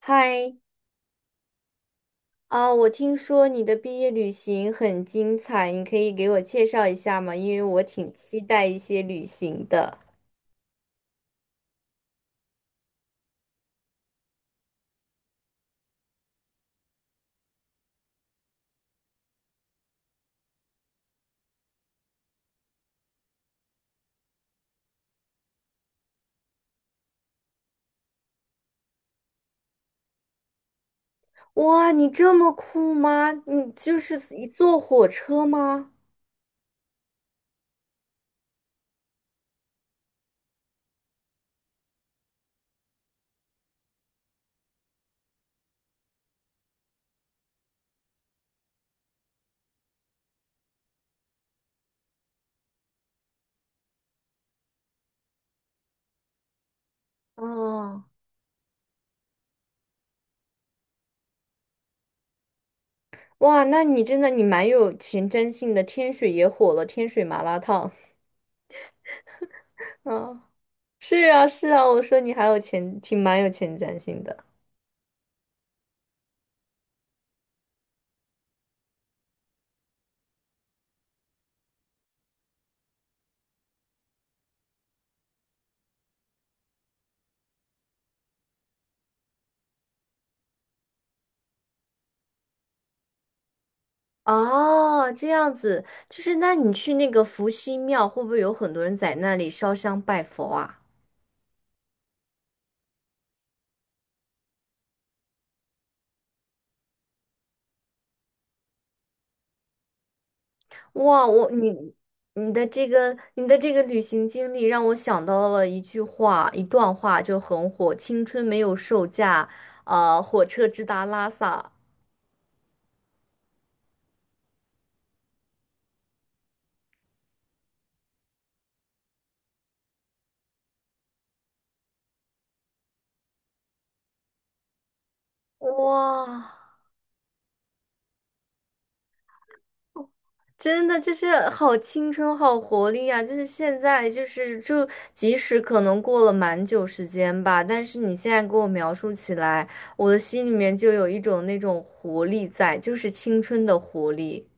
嗨，我听说你的毕业旅行很精彩，你可以给我介绍一下吗？因为我挺期待一些旅行的。哇，你这么酷吗？你就是一坐火车吗？哦，哇，那你真的蛮有前瞻性的。天水也火了，天水麻辣烫。啊，是啊，是啊，我说你还有前，挺蛮有前瞻性的。哦，这样子，就是那你去那个伏羲庙，会不会有很多人在那里烧香拜佛啊？哇，我你你的这个旅行经历让我想到了一句话，一段话就很火：青春没有售价，啊，火车直达拉萨。哇，真的就是好青春，好活力啊！就是现在，就是就即使可能过了蛮久时间吧，但是你现在给我描述起来，我的心里面就有一种那种活力在，就是青春的活力。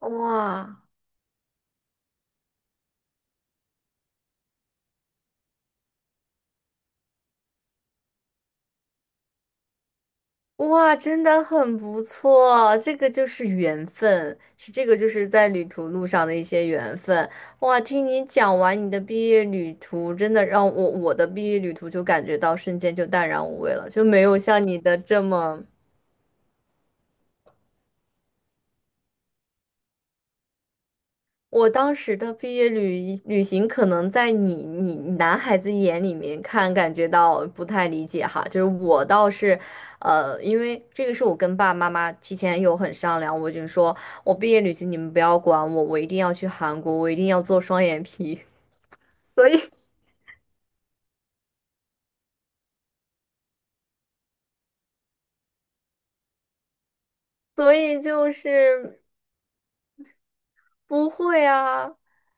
哇。哇，真的很不错，这个就是缘分，是这个就是在旅途路上的一些缘分。哇，听你讲完你的毕业旅途，真的让我的毕业旅途就感觉到瞬间就淡然无味了，就没有像你的这么。我当时的毕业旅行，可能在你男孩子眼里面看，感觉到不太理解哈。就是我倒是，因为这个是我跟爸爸妈妈提前有很商量，我就说我毕业旅行你们不要管我，我一定要去韩国，我一定要做双眼皮，所以所以就是。不会啊，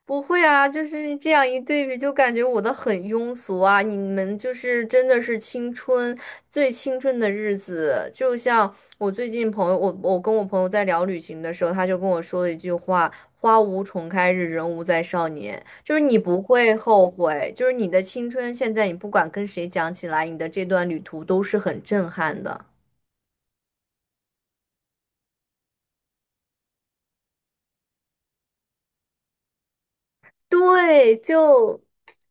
不会啊，就是这样一对比，就感觉我的很庸俗啊。你们就是真的是青春最青春的日子，就像我最近朋友，我跟我朋友在聊旅行的时候，他就跟我说了一句话：“花无重开日，人无再少年。”就是你不会后悔，就是你的青春，现在你不管跟谁讲起来，你的这段旅途都是很震撼的。对，就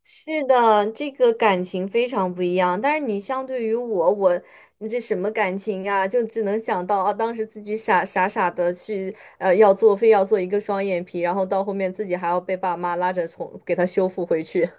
是的，这个感情非常不一样。但是你相对于我，你这什么感情啊？就只能想到啊，当时自己傻傻的去要做，非要做一个双眼皮，然后到后面自己还要被爸妈拉着从给他修复回去。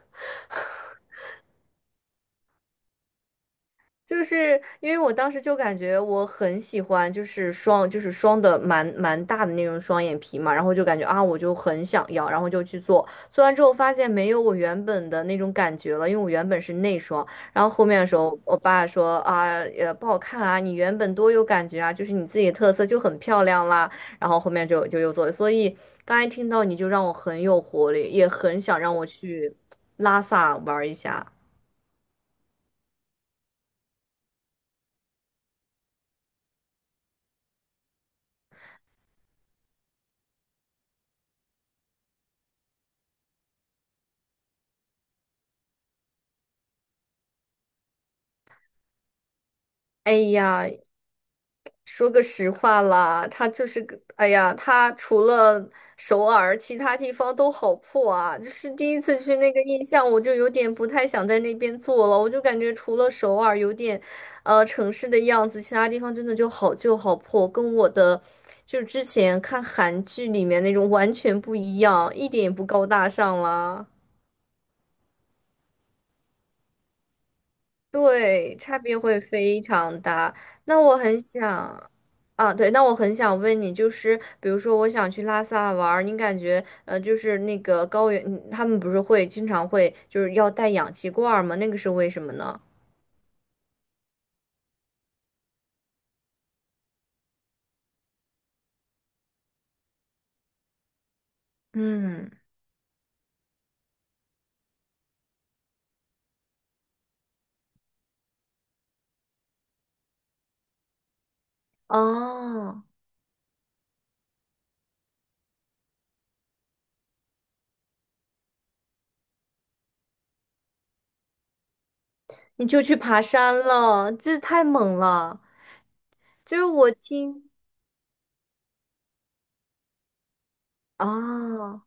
就是因为我当时就感觉我很喜欢，就是双，就是双的蛮大的那种双眼皮嘛，然后就感觉啊，我就很想要，然后就去做，做完之后发现没有我原本的那种感觉了，因为我原本是内双，然后后面的时候我爸说啊，也不好看啊，你原本多有感觉啊，就是你自己的特色就很漂亮啦，然后后面就又做，所以刚才听到你就让我很有活力，也很想让我去拉萨玩一下。哎呀，说个实话啦，他就是个，哎呀，他除了首尔，其他地方都好破啊。就是第一次去那个印象，我就有点不太想在那边做了。我就感觉除了首尔有点，城市的样子，其他地方真的就好旧好破，跟我的就是之前看韩剧里面那种完全不一样，一点也不高大上啦。对，差别会非常大。那我很想，啊，对，那我很想问你，就是比如说，我想去拉萨玩儿，你感觉，就是那个高原，嗯他们不是会经常会就是要带氧气罐儿吗？那个是为什么呢？嗯，哦，你就去爬山了，这太猛了。就是我听，啊。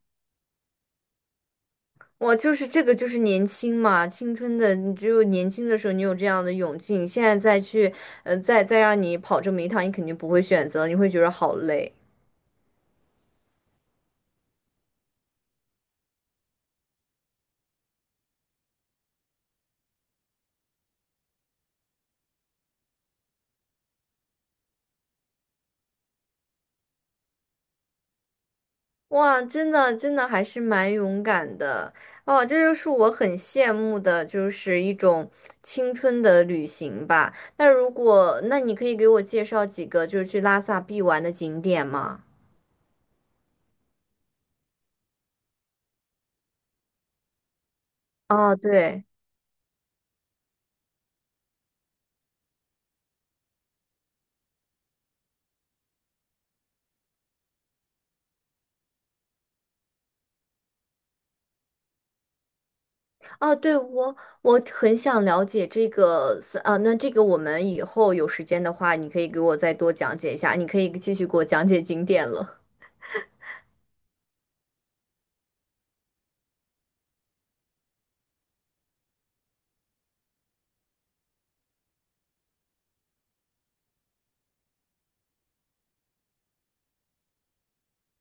哇，就是这个，就是年轻嘛，青春的，你只有年轻的时候，你有这样的勇气，你现在再去，再让你跑这么一趟，你肯定不会选择，你会觉得好累。哇，真的，真的还是蛮勇敢的哦，这就是我很羡慕的，就是一种青春的旅行吧。那如果，那你可以给我介绍几个就是去拉萨必玩的景点吗？哦，对。啊，对，我很想了解这个是啊，那这个我们以后有时间的话，你可以给我再多讲解一下，你可以继续给我讲解景点了。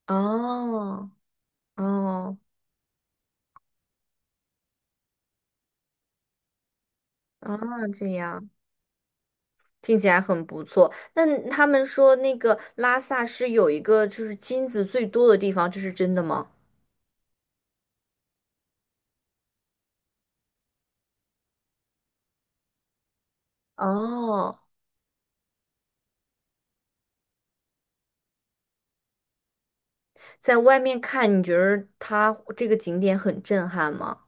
哦哦哦，这样听起来很不错。那他们说那个拉萨是有一个就是金子最多的地方，这是真的吗？哦，在外面看，你觉得它这个景点很震撼吗？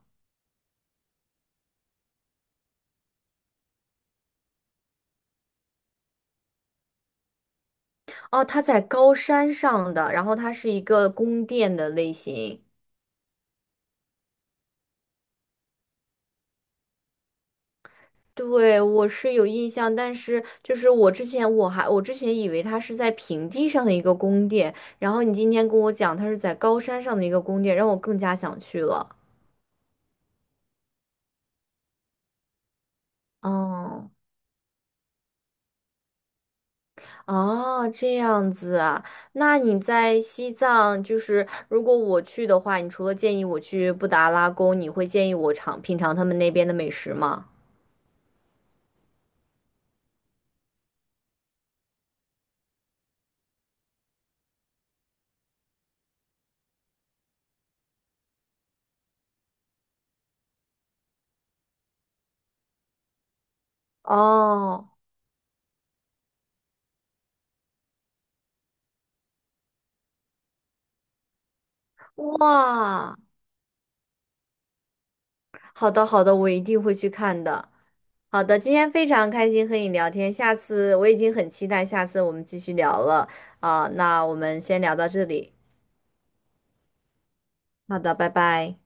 哦，它在高山上的，然后它是一个宫殿的类型。对，我是有印象，但是就是我之前以为它是在平地上的一个宫殿，然后你今天跟我讲它是在高山上的一个宫殿，让我更加想去了。哦哦，这样子啊，那你在西藏，就是如果我去的话，你除了建议我去布达拉宫，你会建议我品尝他们那边的美食吗？哦，哇。好的，好的，我一定会去看的。好的，今天非常开心和你聊天，下次我已经很期待下次我们继续聊了啊，那我们先聊到这里，好的，拜拜。